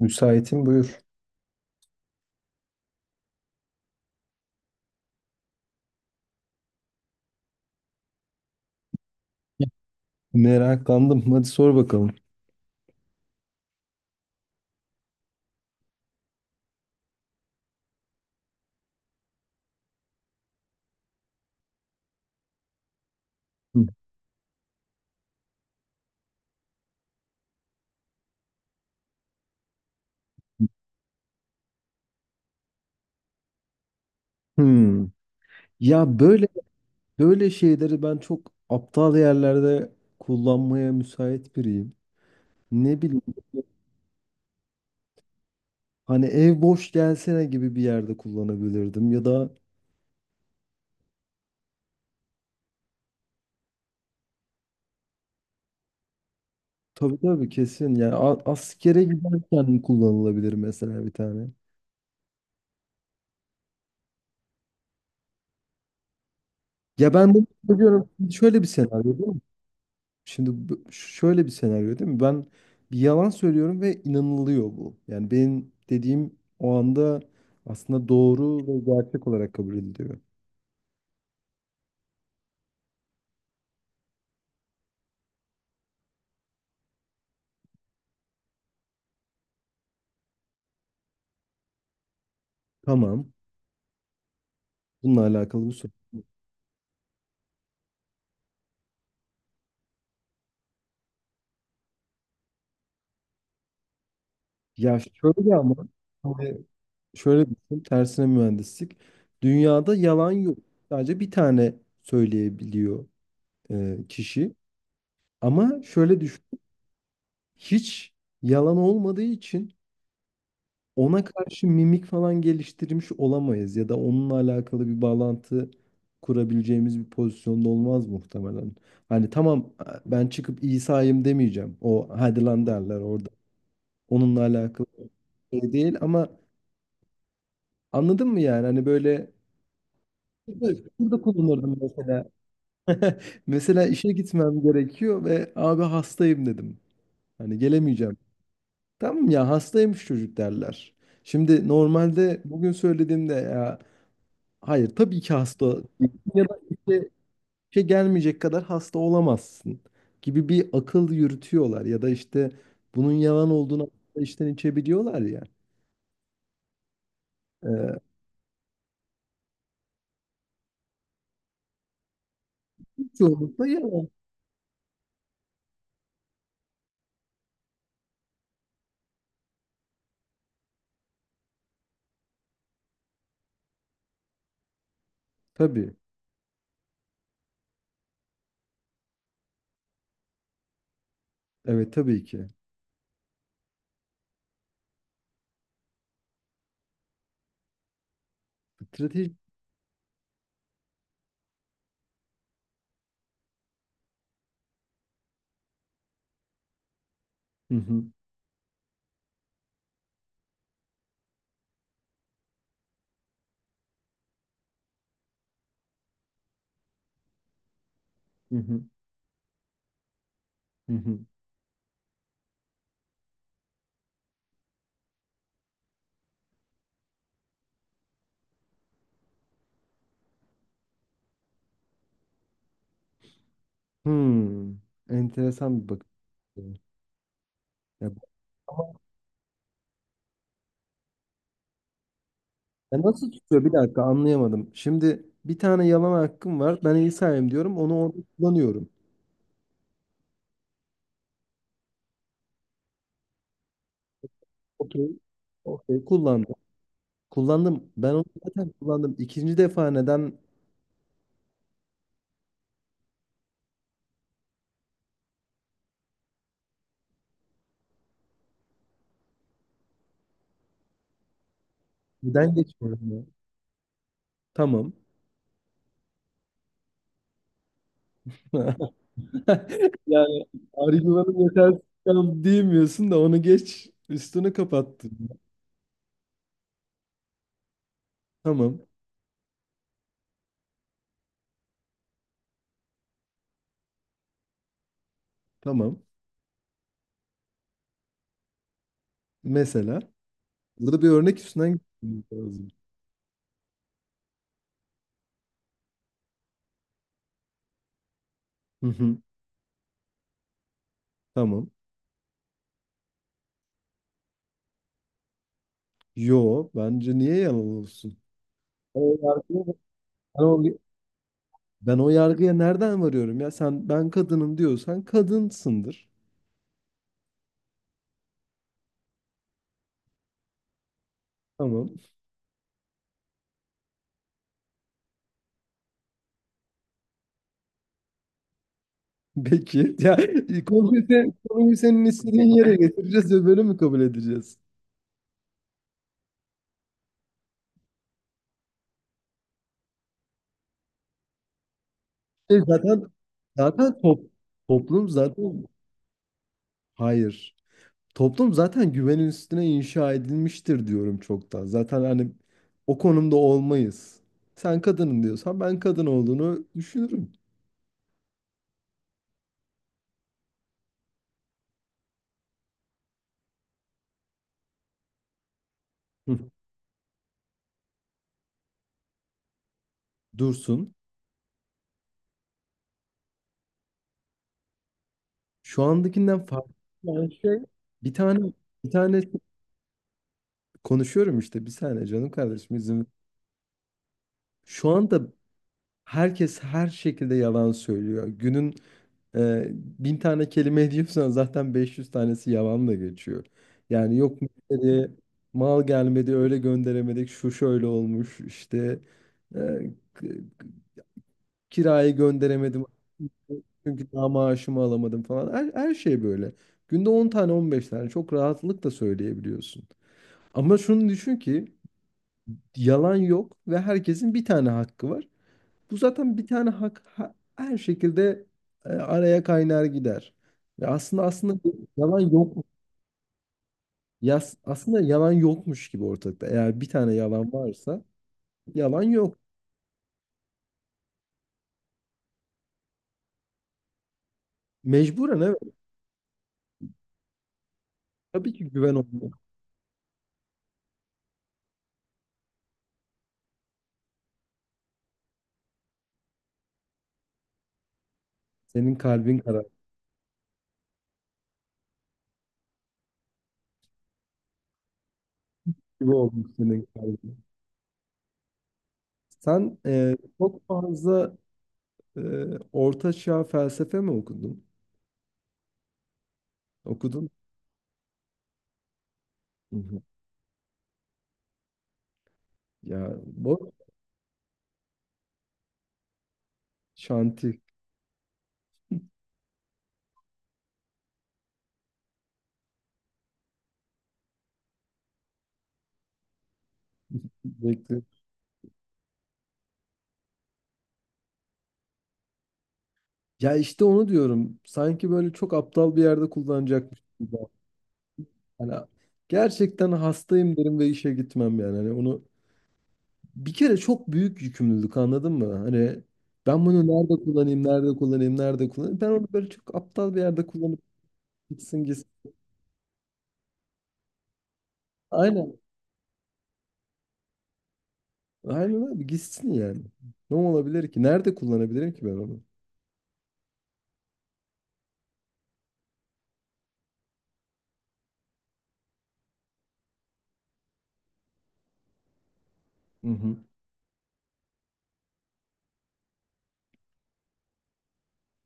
Müsaitim, buyur. Meraklandım, hadi sor bakalım. Hı. Hmm. Ya, böyle şeyleri ben çok aptal yerlerde kullanmaya müsait biriyim. Ne bileyim, hani ev boş gelsene gibi bir yerde kullanabilirdim, ya da tabii tabii kesin yani, askere giderken kullanılabilir mesela bir tane. Ya ben bunu söylüyorum, şöyle bir senaryo. Şimdi şöyle bir senaryo değil mi? Ben bir yalan söylüyorum ve inanılıyor bu. Yani benim dediğim o anda aslında doğru ve gerçek olarak kabul ediliyor. Tamam. Bununla alakalı bir soru. Ya şöyle, ama hani şöyle düşün. Tersine mühendislik. Dünyada yalan yok. Sadece bir tane söyleyebiliyor kişi. Ama şöyle düşün. Hiç yalan olmadığı için ona karşı mimik falan geliştirmiş olamayız, ya da onunla alakalı bir bağlantı kurabileceğimiz bir pozisyonda olmaz muhtemelen. Hani tamam, ben çıkıp İsa'yım demeyeceğim. O hadi lan derler orada. Onunla alakalı şey değil ama, anladın mı yani? Hani böyle burada kullanırdım mesela. Mesela işe gitmem gerekiyor ve abi hastayım dedim. Hani gelemeyeceğim. Tamam ya, hastaymış çocuk derler. Şimdi normalde bugün söylediğimde ya hayır, tabii ki hasta ya da işte şey, gelmeyecek kadar hasta olamazsın gibi bir akıl yürütüyorlar, ya da işte bunun yalan olduğunu işten içten içebiliyorlar ya. Ee, çoğunlukla yalan. Tabii. Evet, tabii ki. Strateji. Hı hı. Hı hı. Hı hı. Hmm. Enteresan bir bakış. Açısı. Ya, ama ya nasıl tutuyor? Bir dakika, anlayamadım. Şimdi bir tane yalan hakkım var. Ben İsa'yım diyorum. Onu orada kullanıyorum. Okey. Okey, kullandım. Kullandım, ben onu zaten kullandım. İkinci defa neden geçmiyorum ya? Tamam. Yani, argümanım yetersiz kaldı diyemiyorsun da onu geç, üstünü kapattın. Tamam. Tamam. Mesela burada bir örnek üstünden gitmemiz lazım. Hı hı. Tamam. Yo, bence niye yalan olsun? Ben o yargıya, ben o, ben o yargıya nereden varıyorum ya? Sen ben kadınım diyorsan kadınsındır. Tamam. Peki. Ya konuyu senin istediğin yere getireceğiz ve böyle mi kabul edeceğiz? E zaten zaten top, toplum zaten, hayır. Toplum zaten güvenin üstüne inşa edilmiştir diyorum çoktan. Zaten hani o konumda olmayız. Sen kadının diyorsan ben kadın olduğunu düşünürüm. Hı. Dursun. Şu andakinden farklı olan şey bir tane bir tane konuşuyorum işte, bir saniye canım kardeşim, izin. Şu anda herkes her şekilde yalan söylüyor. Günün e, 1000 tane kelime ediyorsan zaten 500 tanesi yalanla geçiyor. Yani yok müşteri, mal gelmedi öyle gönderemedik, şu şöyle olmuş işte, e, k- kirayı gönderemedim çünkü daha maaşımı alamadım falan, her şey böyle. Günde 10 tane, 15 tane çok rahatlıkla söyleyebiliyorsun. Ama şunu düşün ki yalan yok ve herkesin bir tane hakkı var. Bu zaten bir tane hak, her şekilde araya kaynar gider. Ve aslında bu yalan yok. Aslında yalan yokmuş gibi ortalıkta. Eğer bir tane yalan varsa yalan yok. Mecburen evet. Tabii ki güven olmuyor. Senin kalbin karar gibi olmuş, senin kalbin. Sen çok fazla e, orta çağ felsefe mi okudun? Okudun. Hı hı. Ya bu şanti. Ya işte onu diyorum. Sanki böyle çok aptal bir yerde kullanacakmış gibi. Hani gerçekten hastayım derim ve işe gitmem yani. Hani onu, bir kere çok büyük yükümlülük, anladın mı? Hani ben bunu nerede kullanayım, nerede kullanayım, nerede kullanayım? Ben onu böyle çok aptal bir yerde kullanıp gitsin gitsin. Aynen. Aynen abi, gitsin yani. Ne olabilir ki? Nerede kullanabilirim ki ben onu? Hı hı.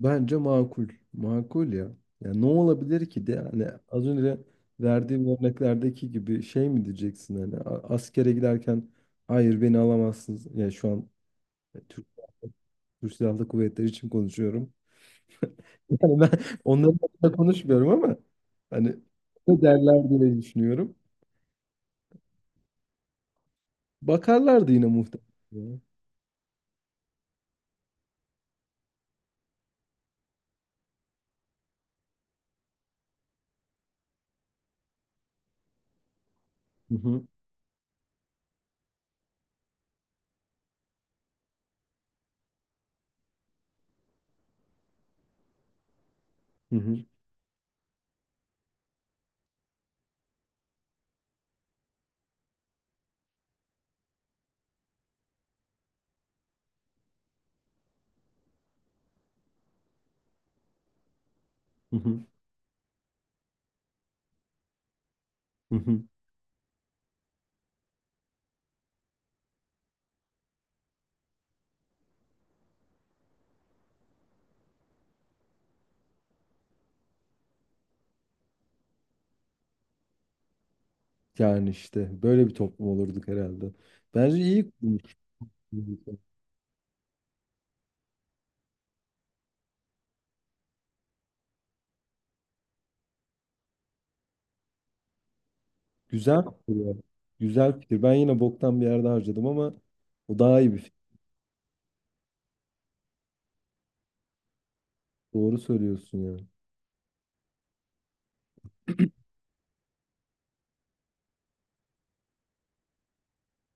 Bence makul. Makul ya. Ya ne olabilir ki de, yani az önce verdiğim örneklerdeki gibi şey mi diyeceksin, hani askere giderken hayır beni alamazsınız. Ya şu an Türk, Türk Silahlı Kuvvetleri için konuşuyorum. Yani ben onların hakkında konuşmuyorum ama hani ne derler diye düşünüyorum. Bakarlardı yine muhtemelen. Ya. Hı hı, hı hı, hı hı, hı hı. Yani işte böyle bir toplum olurduk herhalde. Bence iyi kurulmuş. Güzel fikir ya. Güzel fikir. Ben yine boktan bir yerde harcadım ama o daha iyi bir fikir. Doğru söylüyorsun ya.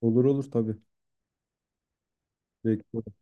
Olur olur tabii. Bekliyorum.